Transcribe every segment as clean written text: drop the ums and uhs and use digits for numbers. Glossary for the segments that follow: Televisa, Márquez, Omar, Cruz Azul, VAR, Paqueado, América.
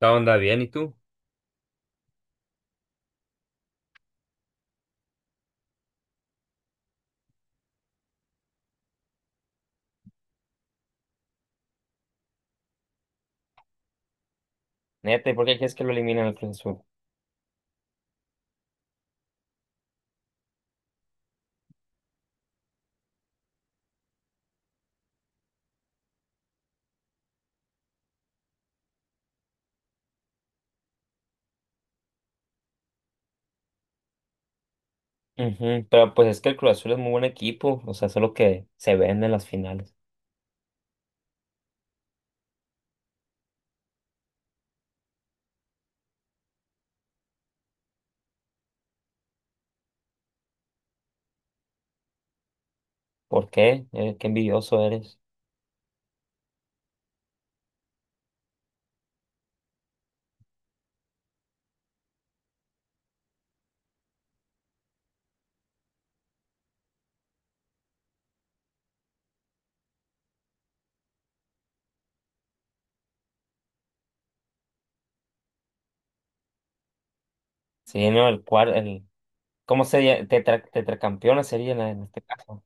La onda bien, ¿y tú? Neta, ¿y por qué crees que lo eliminan al Cruz Azul? Ujú. Pero pues es que el Cruz Azul es muy buen equipo, o sea, solo que se vende en las finales. ¿Por qué? Qué envidioso eres. Sí, no, ¿cómo sería? Tetracampeona sería en este caso.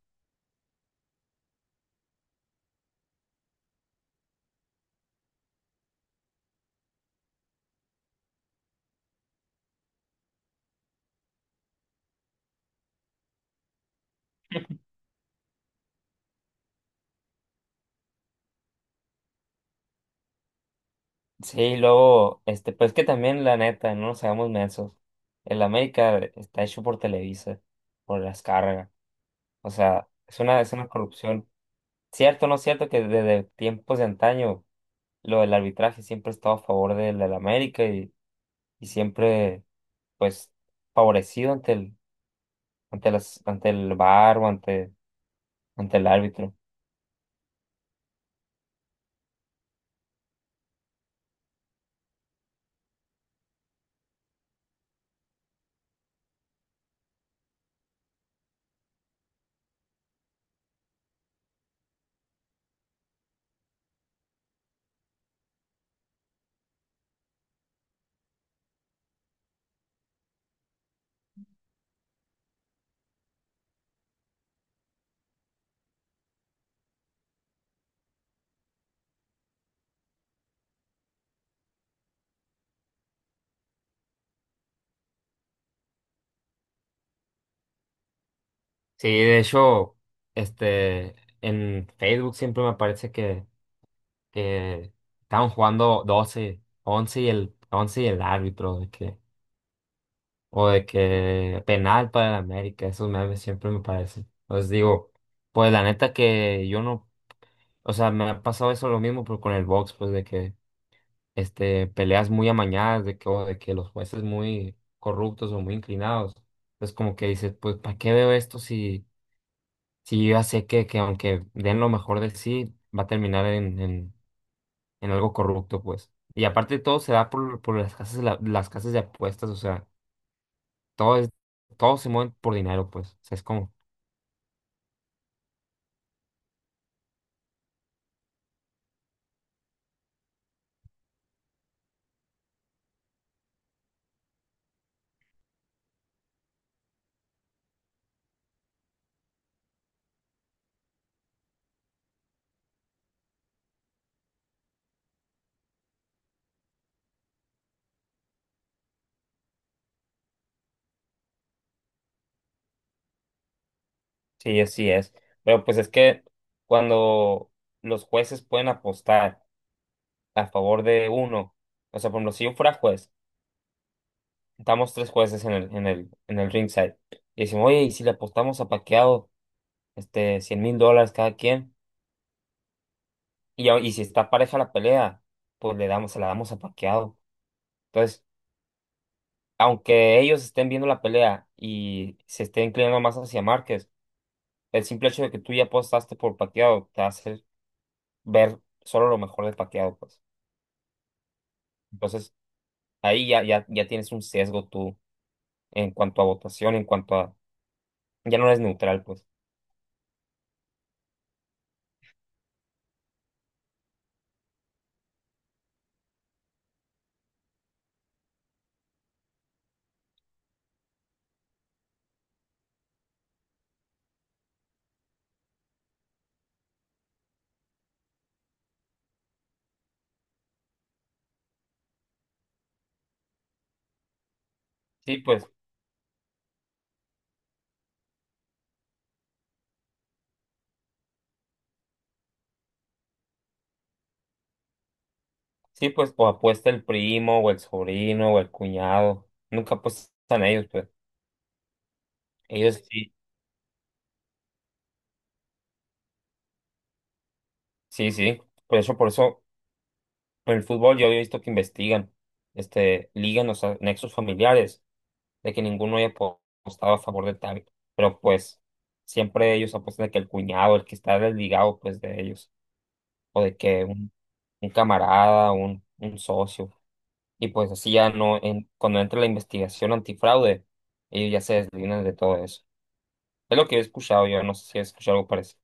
Sí, luego, este, pues que también la neta, no nos hagamos mensos. El América está hecho por Televisa, por las cargas. O sea, es una corrupción. Cierto, no es cierto que desde tiempos de antaño lo del arbitraje siempre he estado a favor del América y siempre pues favorecido ante el VAR ante el árbitro. Sí, de hecho, este, en Facebook siempre me parece que estaban jugando 12 11 y el árbitro, o de que penal para el América, esos memes siempre me parecen. Os digo, pues la neta que yo no, o sea, me ha pasado eso lo mismo, pero con el box, pues de que peleas muy amañadas de que, o de que los jueces muy corruptos o muy inclinados. Entonces como que dices, pues, ¿para qué veo esto si yo ya sé que aunque den lo mejor de sí, va a terminar en algo corrupto, pues? Y aparte todo se da por las casas, las casas de apuestas, o sea, todo es, todo se mueve por dinero, pues. O sea, es como... Sí, así es. Pero pues es que cuando los jueces pueden apostar a favor de uno, o sea, por ejemplo, si yo fuera juez, estamos tres jueces en el ringside. Y decimos, oye, ¿y si le apostamos a Paqueado $100,000 cada quien? Y si está pareja la pelea, pues se la damos a Paqueado. Entonces, aunque ellos estén viendo la pelea y se estén inclinando más hacia Márquez, el simple hecho de que tú ya apostaste por Paqueado te hace ver solo lo mejor de Paqueado, pues. Entonces, ahí ya tienes un sesgo tú en cuanto a votación, en cuanto a... Ya no eres neutral, pues. Sí, pues. Sí, pues apuesta el primo o el sobrino o el cuñado. Nunca apuestan ellos, pues. Ellos sí, sí, sí. Por eso, en el fútbol yo he visto que investigan, ligan los nexos familiares, de que ninguno haya apostado a favor de tal. Pero pues, siempre ellos apuestan de que el cuñado, el que está desligado, pues, de ellos. O de que un camarada, un socio. Y pues así ya no, cuando entra la investigación antifraude, ellos ya se desligan de todo eso. Es lo que he escuchado yo, no sé si he escuchado algo parecido.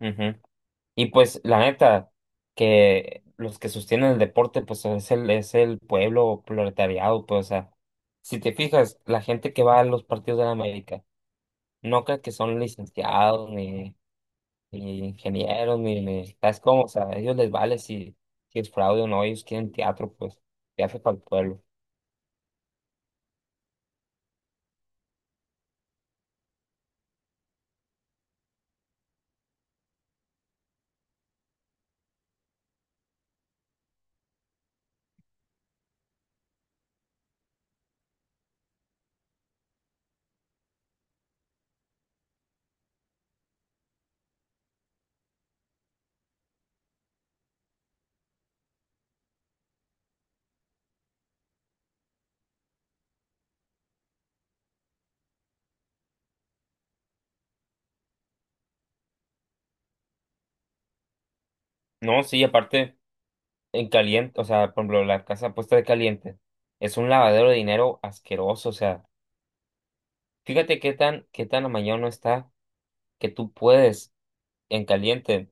Ujú. Y pues la neta, que los que sostienen el deporte, pues es es el pueblo proletariado, pues o sea, si te fijas, la gente que va a los partidos de la América, no crees que son licenciados, ni ingenieros, ni, ¿sabes cómo? O sea, a ellos les vale si es fraude o no, ellos quieren teatro, pues, teatro para el pueblo. No, sí, aparte, en caliente, o sea, por ejemplo, la casa puesta de caliente, es un lavadero de dinero asqueroso, o sea. Fíjate qué tan amañono está que tú puedes en caliente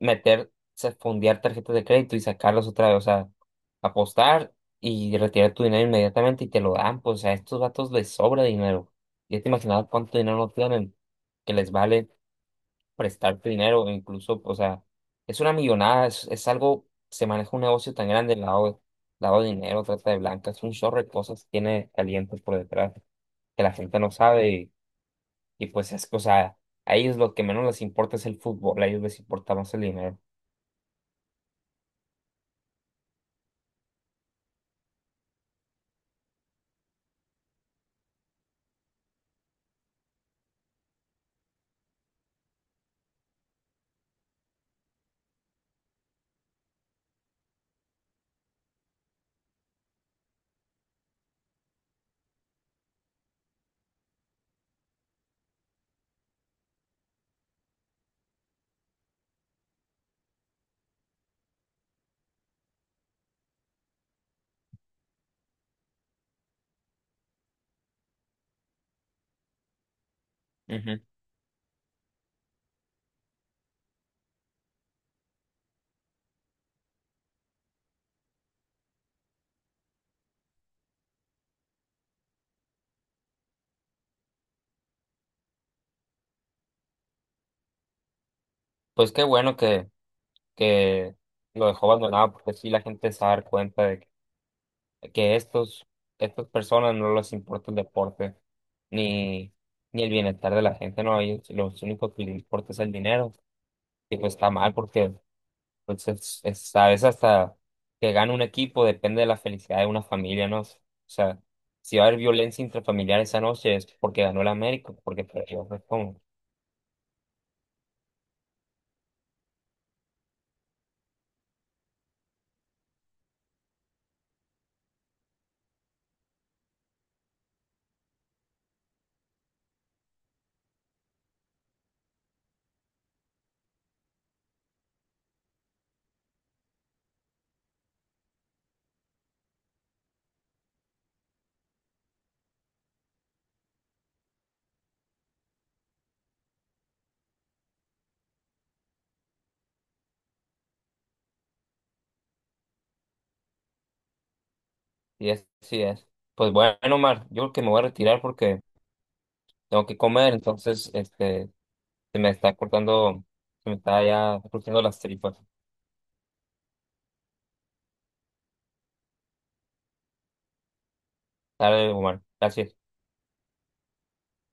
fondear tarjetas de crédito y sacarlas otra vez, o sea, apostar y retirar tu dinero inmediatamente y te lo dan, pues a estos vatos les sobra dinero. Ya te imaginabas cuánto dinero no tienen, que les vale prestarte dinero, o incluso, o sea, es una millonada, es algo, se maneja un negocio tan grande, lavado de dinero, trata de blancas, un chorro de cosas tiene calientes por detrás que la gente no sabe. Y pues es que, o sea, a ellos lo que menos les importa es el fútbol, a ellos les importa más el dinero. Ujú. Pues qué bueno que lo dejó abandonado, porque sí la gente se va a dar cuenta de que estas personas no les importa el deporte, ni, ni el bienestar de la gente, no, a ellos lo único que les importa es el dinero. Y pues está mal porque entonces, a veces hasta que gane un equipo depende de la felicidad de una familia, ¿no? O sea, si va a haber violencia intrafamiliar esa noche es porque ganó el América, porque perdió, pues como. Sí es. Pues bueno, Omar, yo creo que me voy a retirar porque tengo que comer, entonces, se me se me está ya cortando las tripas. Dale, Omar, gracias.